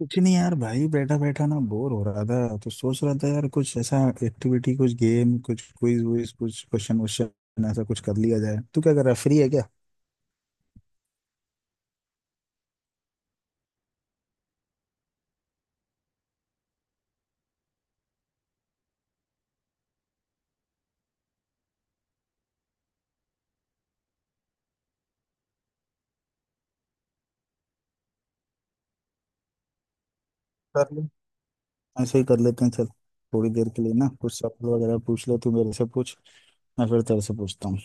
कुछ नहीं यार भाई, बैठा बैठा ना बोर हो रहा था तो सोच रहा था यार कुछ ऐसा एक्टिविटी, कुछ गेम, कुछ क्विज वुइज, कुछ क्वेश्चन वोश्चन, ऐसा कुछ कर लिया जाए। तू क्या कर रहा है? फ्री है क्या? कर ले। ऐसे ही कर लेते हैं। चल थोड़ी देर के लिए ना कुछ सवाल वगैरह पूछ ले। तू मेरे से पूछ, मैं फिर तेरे से पूछता हूँ।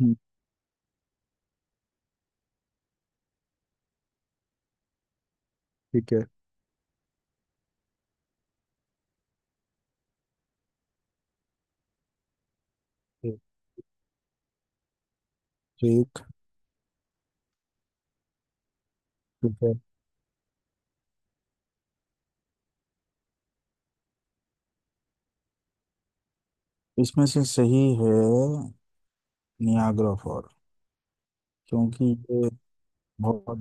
हम्म। ठीक है। ठीक। ठीक। ठीक है। इसमें से सही है नियाग्रा फॉल। क्योंकि ये बहुत...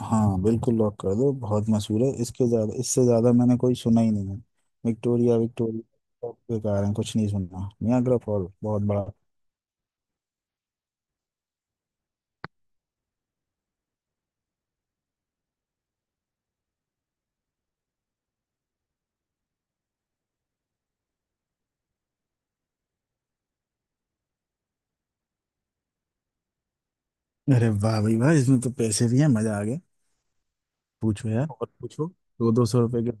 हाँ बिल्कुल, लॉक कर दो, बहुत मशहूर है। इसके ज्यादा इससे ज्यादा मैंने कोई सुना ही नहीं है। विक्टोरिया विक्टोरिया, सब बेकार है, कुछ नहीं सुनना, नियाग्रा फॉल बहुत बड़ा। अरे वाह भाई वाह, इसमें तो पैसे भी हैं, मजा आ गया। पूछो यार और पूछो, दो 200 रुपए के।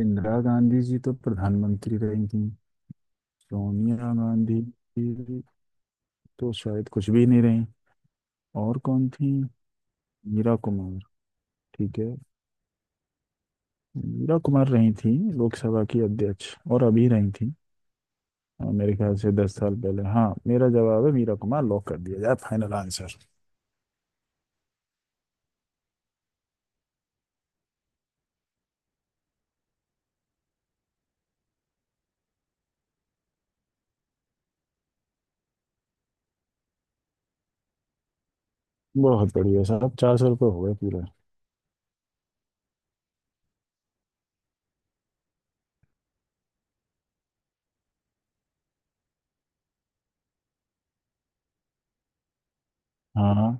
इंदिरा गांधी जी तो प्रधानमंत्री रही थी। सोनिया गांधी जी तो शायद कुछ भी नहीं रही। और कौन थी? मीरा कुमार। ठीक है, मीरा कुमार रही थी लोकसभा की अध्यक्ष, और अभी रही थी। हाँ, मेरे ख्याल से 10 साल पहले। हाँ मेरा जवाब है मीरा कुमार, लॉक कर दिया जाए, फाइनल आंसर। बहुत बढ़िया साहब, 400 रुपये हो गए पूरे। हाँ,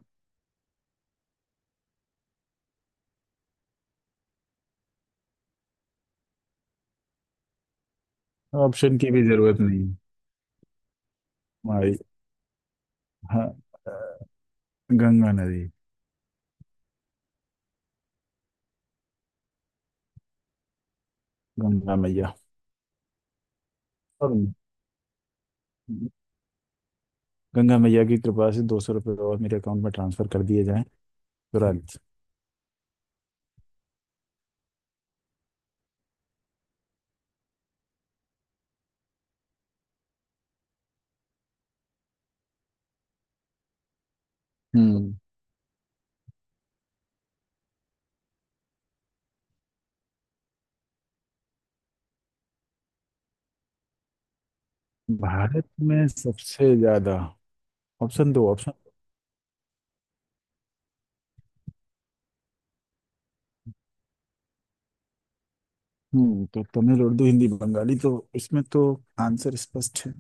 ऑप्शन की भी जरूरत नहीं है। हमारी, हाँ, गंगा नदी। गंगा मैया। और गंगा मैया की कृपा से 200 रुपये और मेरे अकाउंट में ट्रांसफर कर दिए जाएं। तुरंत। हम्म। भारत में सबसे ज्यादा... ऑप्शन दो, ऑप्शन। हम्म, तो तमिल उर्दू हिंदी बंगाली, तो इसमें तो आंसर स्पष्ट है।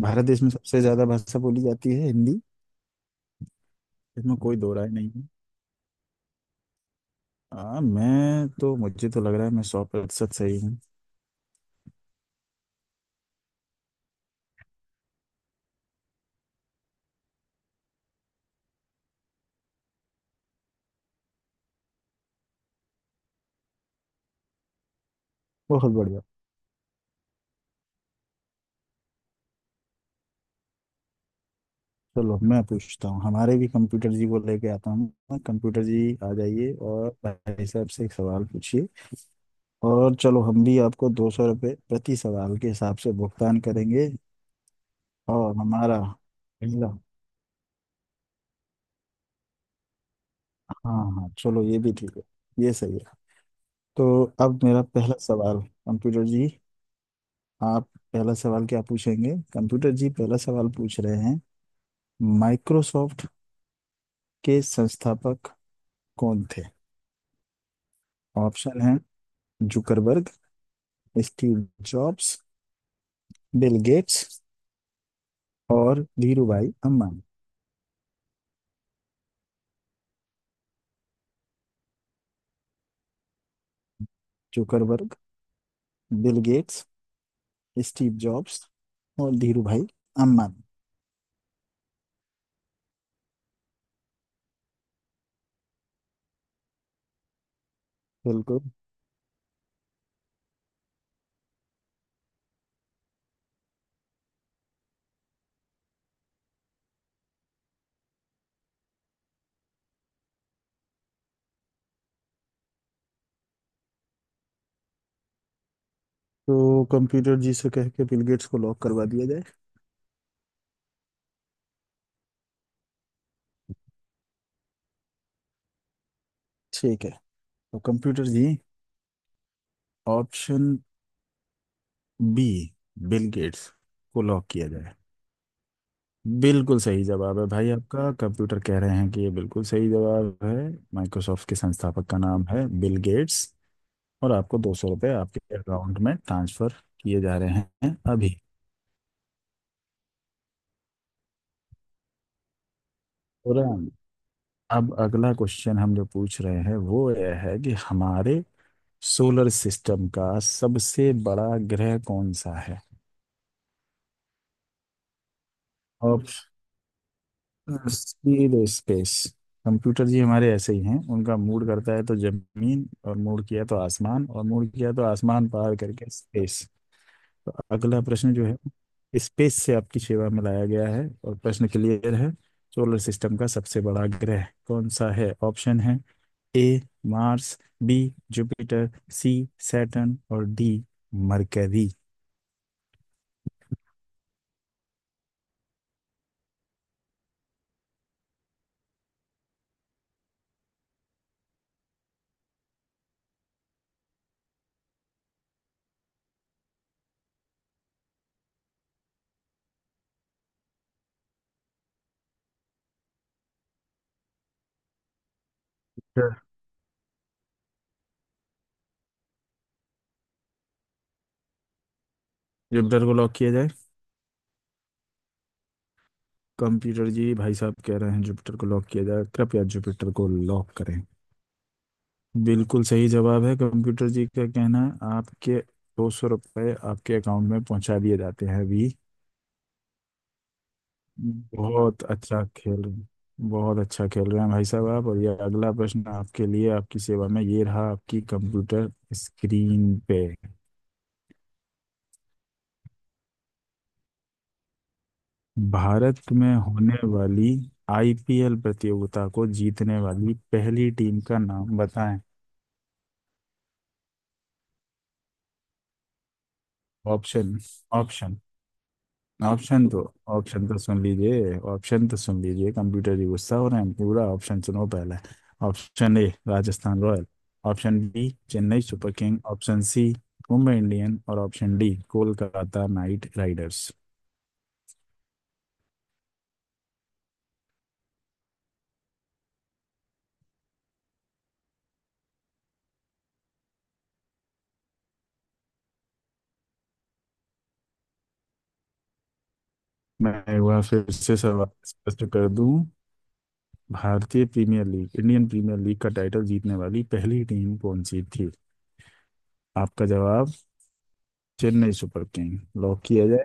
भारत देश में सबसे ज्यादा भाषा बोली जाती है हिंदी। इसमें कोई दो राय नहीं है। मैं तो मुझे तो लग रहा है मैं 100% सही हूँ। बहुत बढ़िया। चलो मैं पूछता हूँ, हमारे भी कंप्यूटर जी को लेके आता हूँ। कंप्यूटर जी आ जाइए और भाई साहब से एक सवाल पूछिए। और चलो हम भी आपको 200 रुपये प्रति सवाल के हिसाब से भुगतान करेंगे। और हमारा पहला... हाँ हाँ, चलो ये भी ठीक है। ये सही है। तो अब मेरा पहला सवाल। कंप्यूटर जी, आप पहला सवाल क्या पूछेंगे? कंप्यूटर जी पहला सवाल पूछ रहे हैं। माइक्रोसॉफ्ट के संस्थापक कौन थे? ऑप्शन हैं Zuckerberg, Steve Jobs, Bill Gates और Dhirubhai Ambani. Zuckerberg, Bill Gates, Steve Jobs और धीरूभाई अम्बानी। बिल्कुल, तो कंप्यूटर जी से कह के बिल गेट्स को लॉक करवा दिया जाए। ठीक है, तो computer ji, option B, Bill Gates को लॉक किया जाए। बिल्कुल सही जवाब है भाई आपका, कंप्यूटर कह रहे हैं कि ये बिल्कुल सही जवाब है। माइक्रोसॉफ्ट के संस्थापक का नाम है बिल गेट्स। और आपको 200 रुपये आपके अकाउंट में ट्रांसफर किए जा रहे हैं अभी। तुरंत। अब अगला क्वेश्चन हम जो पूछ रहे हैं वो यह है कि हमारे सोलर सिस्टम का सबसे बड़ा ग्रह कौन सा। है सीधे स्पेस। कंप्यूटर जी हमारे ऐसे ही हैं, उनका मूड करता है तो जमीन, और मूड किया तो आसमान, और मूड किया तो आसमान पार करके स्पेस। तो अगला प्रश्न जो है स्पेस से आपकी सेवा में लाया गया है, और प्रश्न क्लियर है। सोलर सिस्टम का सबसे बड़ा ग्रह कौन सा है? ऑप्शन है A Mars, B Jupiter, C Saturn और डी मरकरी। Sure. जुपिटर को लॉक किया जाए। कंप्यूटर जी भाई साहब कह रहे हैं जुपिटर को लॉक किया जाए, कृपया जुपिटर को लॉक करें। बिल्कुल सही जवाब है, कंप्यूटर जी का कहना है, आपके 200 रुपये आपके अकाउंट में पहुंचा दिए जाते हैं अभी। बहुत अच्छा खेल रहे हैं, बहुत अच्छा खेल रहे हैं भाई साहब आप, और ये अगला प्रश्न आपके लिए, आपकी सेवा में ये रहा आपकी कंप्यूटर स्क्रीन पे। भारत में होने वाली आईपीएल प्रतियोगिता को जीतने वाली पहली टीम का नाम बताएं। ऑप्शन ऑप्शन ऑप्शन तो ऑप्शन तो सुन लीजिए, ऑप्शन तो सुन लीजिए, कंप्यूटर ही गुस्सा हो रहे हैं, पूरा ऑप्शन सुनो पहले। Option A Rajasthan Royal, option B Chennai Super King, option C Mumbai Indian और option D Kolkata Knight Riders. मैं एक बार फिर से सवाल स्पष्ट कर दूं। भारतीय Premier League Indian Premier League का टाइटल जीतने वाली पहली टीम कौन सी थी? आपका जवाब, चेन्नई सुपर किंग लॉक किया जाए।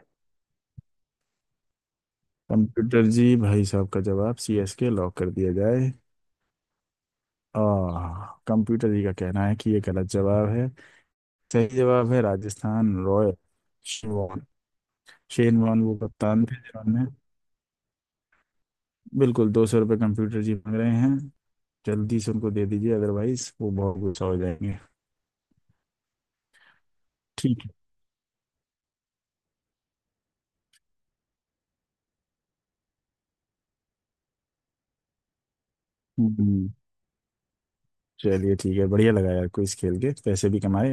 कंप्यूटर जी, भाई साहब का जवाब सीएसके लॉक कर दिया जाए। आह, कंप्यूटर जी का कहना है कि ये गलत जवाब है। सही जवाब है Rajasthan Royal. Shane Shane Warne वो कप्तान थे जिन्होंने... बिल्कुल, 200 रुपये कंप्यूटर जी मांग रहे हैं, जल्दी से उनको दे दीजिए, अदरवाइज वो बहुत गुस्सा हो जाएंगे। ठीक है। हम्म, चलिए ठीक है, बढ़िया लगा यार क्विज खेल के पैसे भी कमाए।